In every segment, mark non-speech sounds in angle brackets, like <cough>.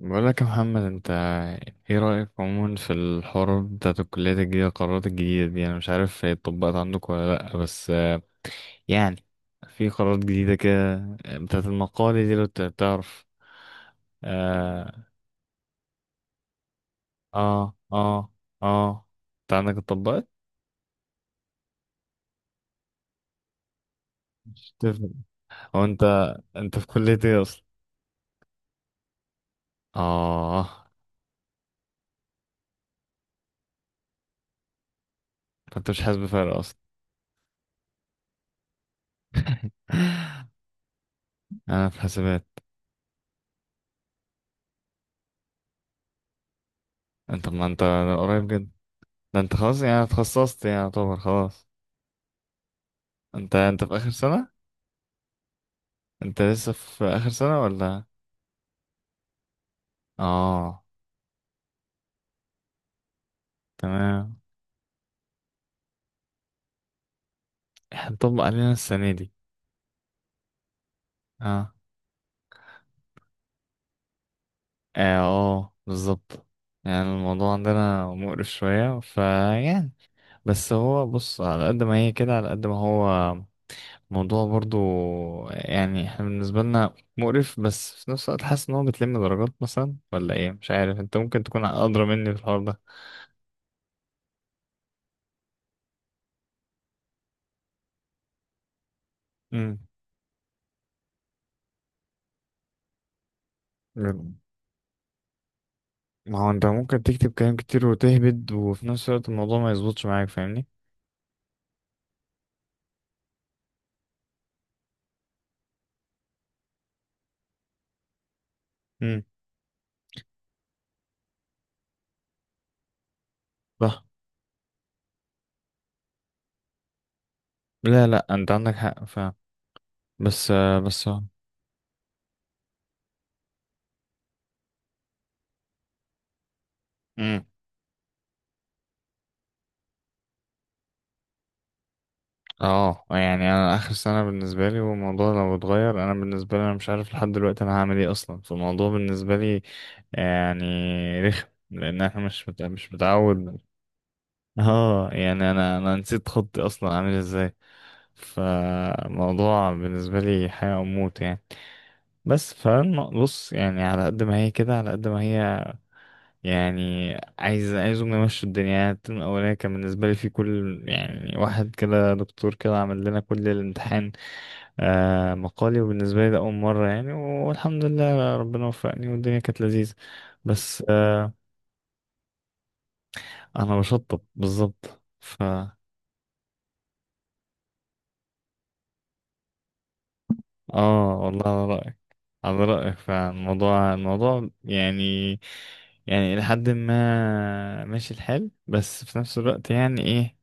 بقولك يا محمد، انت ايه رأيك عموما في الحوار بتاعت الكليات الجديدة، القرارات الجديدة دي؟ انا مش عارف هي اتطبقت عندك ولا لأ، بس يعني في قرارات جديدة كده بتاعت المقالة دي، لو تعرف. اه اه اه اه. انت عندك اتطبقت؟ مش تفهم. هو انت، انت في كلية ايه اصلا؟ اه. انت مش حاسس بفرق اصلا؟ <laughs> انا في حسابات. انت ما انت قريب جدا. ده انت خلاص يعني اتخصصت، يعني يعتبر خلاص. انت في اخر سنة؟ انت لسه في اخر سنة ولا؟ اه، تمام. احنا نطبق علينا السنة دي. اه اه، بالظبط. يعني الموضوع عندنا مقرف شوية، فيعني بس هو بص، على قد ما هي كده على قد ما هو موضوع برضو. يعني احنا بالنسبة لنا مقرف، بس في نفس الوقت حاسس ان هو بتلم درجات مثلا ولا ايه، مش عارف، انت ممكن تكون ادرى مني في الحوار ده. امم. ما هو انت ممكن تكتب كلام كتير وتهبد، وفي نفس الوقت الموضوع ما يظبطش معاك، فاهمني؟ امم، صح. لا لا، انت عندك حق، فاهم. بس بس. امم. اه، يعني انا اخر سنه بالنسبه لي، والموضوع لو اتغير انا بالنسبه لي، انا مش عارف لحد دلوقتي انا هعمل ايه اصلا، فالموضوع بالنسبه لي يعني رخم، لان احنا مش متعود. اه، يعني انا نسيت خطي اصلا عامل ازاي، فالموضوع بالنسبه لي حياه او موت يعني. بس فبص، يعني على قد ما هي كده على قد ما هي، يعني عايزهم يمشوا الدنيا. يعني الترم الأولاني كان بالنسبة لي في كل، يعني واحد كده دكتور كده عمل لنا كل الامتحان مقالي، وبالنسبة لي ده أول مرة يعني، والحمد لله ربنا وفقني والدنيا كانت لذيذة، بس أنا بشطب بالظبط. اه والله، على رأيك، على رأيك فعلا، الموضوع الموضوع يعني، يعني إلى حد ما ماشي الحال، بس في نفس الوقت يعني إيه،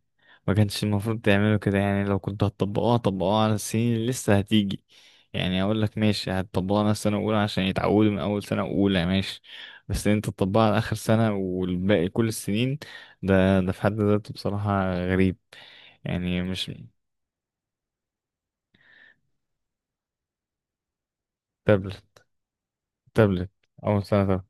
ما كانش المفروض تعملوا كده. يعني لو كنتوا هتطبقوها، طبقوها على السنين اللي لسه هتيجي، يعني أقول لك ماشي، هتطبقوها على السنة الأولى عشان يتعودوا من أول سنة أولى، ماشي، بس إن أنت تطبقها على آخر سنة والباقي كل السنين، ده ده في حد ذاته بصراحة غريب. يعني مش تابلت، تابلت أول سنة.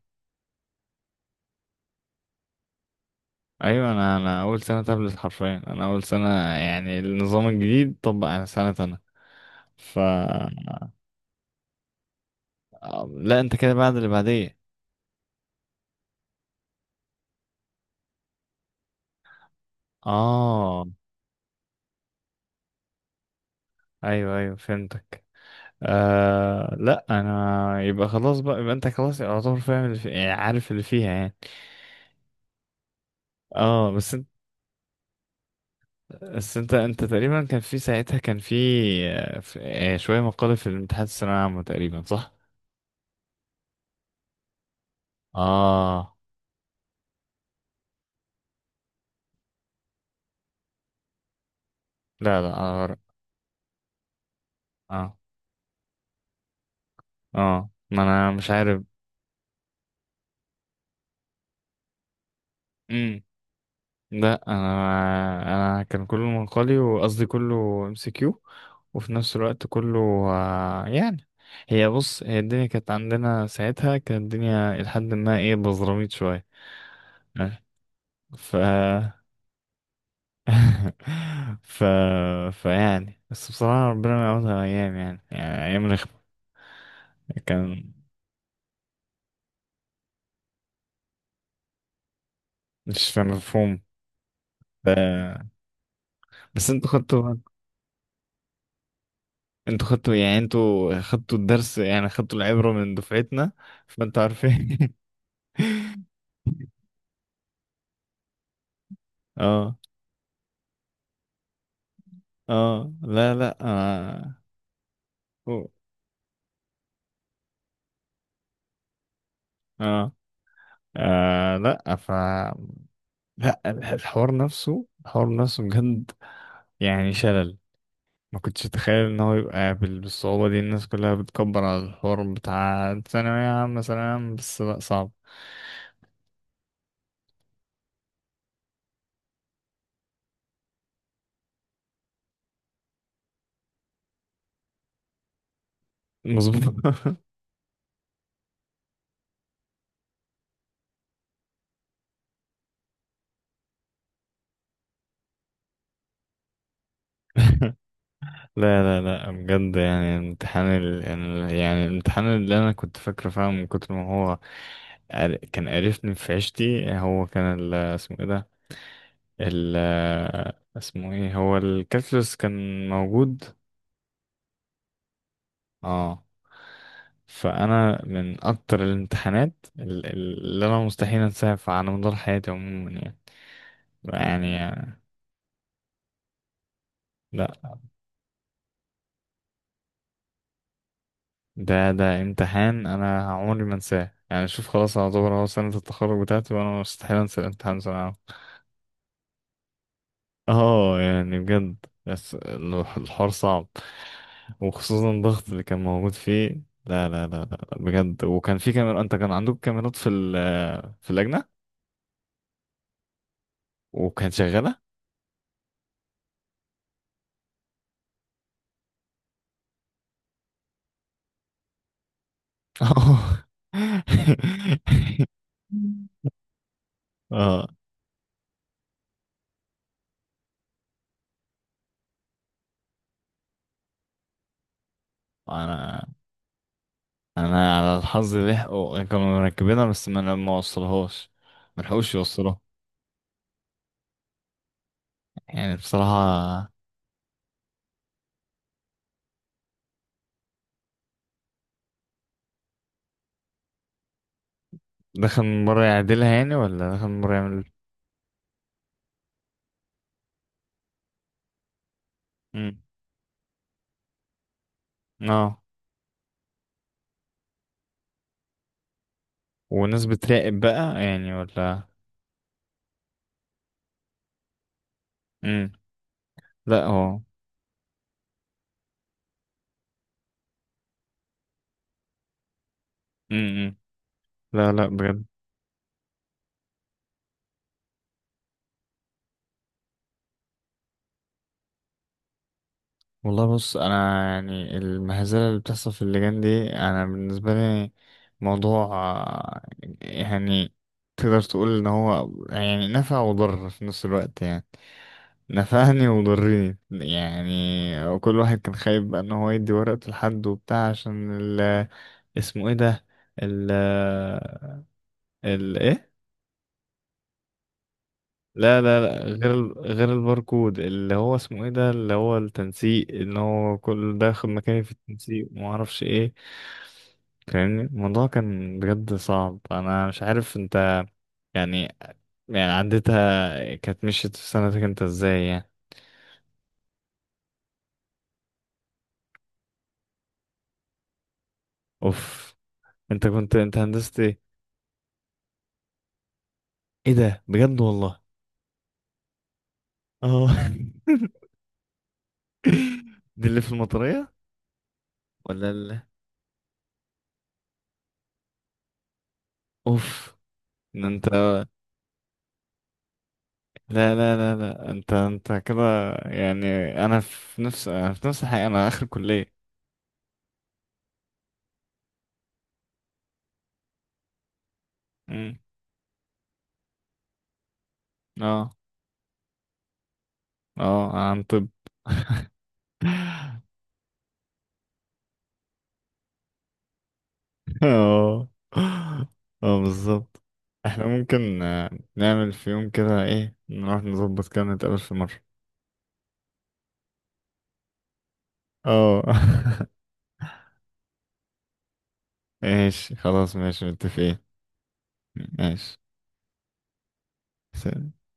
ايوه، انا اول سنه تابلت حرفيا، انا اول سنه، يعني النظام الجديد طبق على سنه انا. ف لا، انت كده بعد اللي بعديه. اه، ايوه ايوه فهمتك. آه لا، انا يبقى خلاص بقى، يبقى انت خلاص يعتبر فاهم يعني عارف اللي فيها يعني. اه بس انت، انت تقريبا كان في ساعتها، كان في آه، في- شويه مقالب في الامتحانات الثانويه العامه تقريبا، صح؟ اه لا لا، أنا غلط. اه اه، ما انا مش عارف. لا انا كان كله منقلي، وقصدي كله ام سي كيو، وفي نفس الوقت كله يعني، هي بص، هي الدنيا كانت عندنا ساعتها، كانت الدنيا لحد ما ايه بزراميط شويه. آه، ف <laughs> ف فيعني بس بصراحه، ربنا ما يعوضها ايام، يعني يعني ايام رخمه. كان مش مفهوم. ف... بس انتوا خدتوا، انتوا خدتوا يعني، انتوا خدتوا الدرس، يعني خدتوا العبره من دفعتنا، فانتوا عارفين. <laughs> اه اه، لا لا، آه. أوه. اه، آه، لا، لا الحوار نفسه، الحوار نفسه بجد، يعني شلل. ما كنتش اتخيل ان هو يبقى بالصعوبة دي، الناس كلها بتكبر على الحوار بتاع ثانوية عامة، ثانوية عامة بس؟ لا، صعب. مظبوط. <laughs> لا لا لا، بجد، يعني امتحان يعني الامتحان اللي انا كنت فاكره فعلا، من كتر ما هو كان قرفني في عيشتي، هو كان اسمه ايه ده، ال اسمه ايه، هو الكالكولس كان موجود. اه، فانا من اكتر الامتحانات اللي انا مستحيل انساها، على مدار حياتي عموما يعني يعني. لا، ده امتحان انا عمري ما انساه، يعني شوف خلاص، اعتبر هو سنة التخرج بتاعتي، وانا مستحيل انسى الامتحان ده. اه، يعني بجد، بس الحوار صعب، وخصوصا الضغط اللي كان موجود فيه. لا لا لا لا لا، بجد. وكان في كاميرا، انت كان عندك كاميرات في في اللجنة، وكانت شغالة. <laughs> اه اه، انا انا على الحظ لحقوا كانوا مركبينها، بس ما وصلهاش، ما لحقوش يوصلوها. يعني بصراحة، دخل من بره يعدلها يعني، ولا دخل من بره يعمل؟ مم. اه، وناس بتراقب بقى يعني ولا؟ امم. لا، هو. امم. لا لا، بجد. والله بص، انا يعني المهزله اللي بتحصل في اللجان دي، انا بالنسبه لي موضوع، يعني، تقدر تقول ان هو يعني نفع وضر في نفس الوقت يعني، نفعني وضرني. يعني كل واحد كان خايف بقى ان هو يدي ورقته لحد وبتاع، عشان اسمه ايه ده، ال ال ايه؟ لا لا لا، غير غير الباركود، اللي هو اسمه ايه ده، اللي هو التنسيق، ان هو كل ده ياخد مكاني في التنسيق وما اعرفش ايه، فاهمني؟ الموضوع كان بجد صعب. انا مش عارف انت يعني، يعني عدتها كانت مشيت في سنتك انت ازاي يعني؟ اوف. انت كنت، انت هندسة ايه؟ ايه ده، بجد والله. اه. <laughs> دي اللي في المطرية ولا اللي؟ اوف. ده انت، لا لا لا لا، انت كده، يعني انا في نفس، الحقيقة انا اخر كلية. امم. اه اه، عن طب. <laughs> اه اه، بالظبط. احنا ممكن نعمل في يوم كده ايه، نروح نظبط كده، نتقابل في مرة. اه. <laughs> ماشي، خلاص ماشي، متفقين. ماشي. سلام.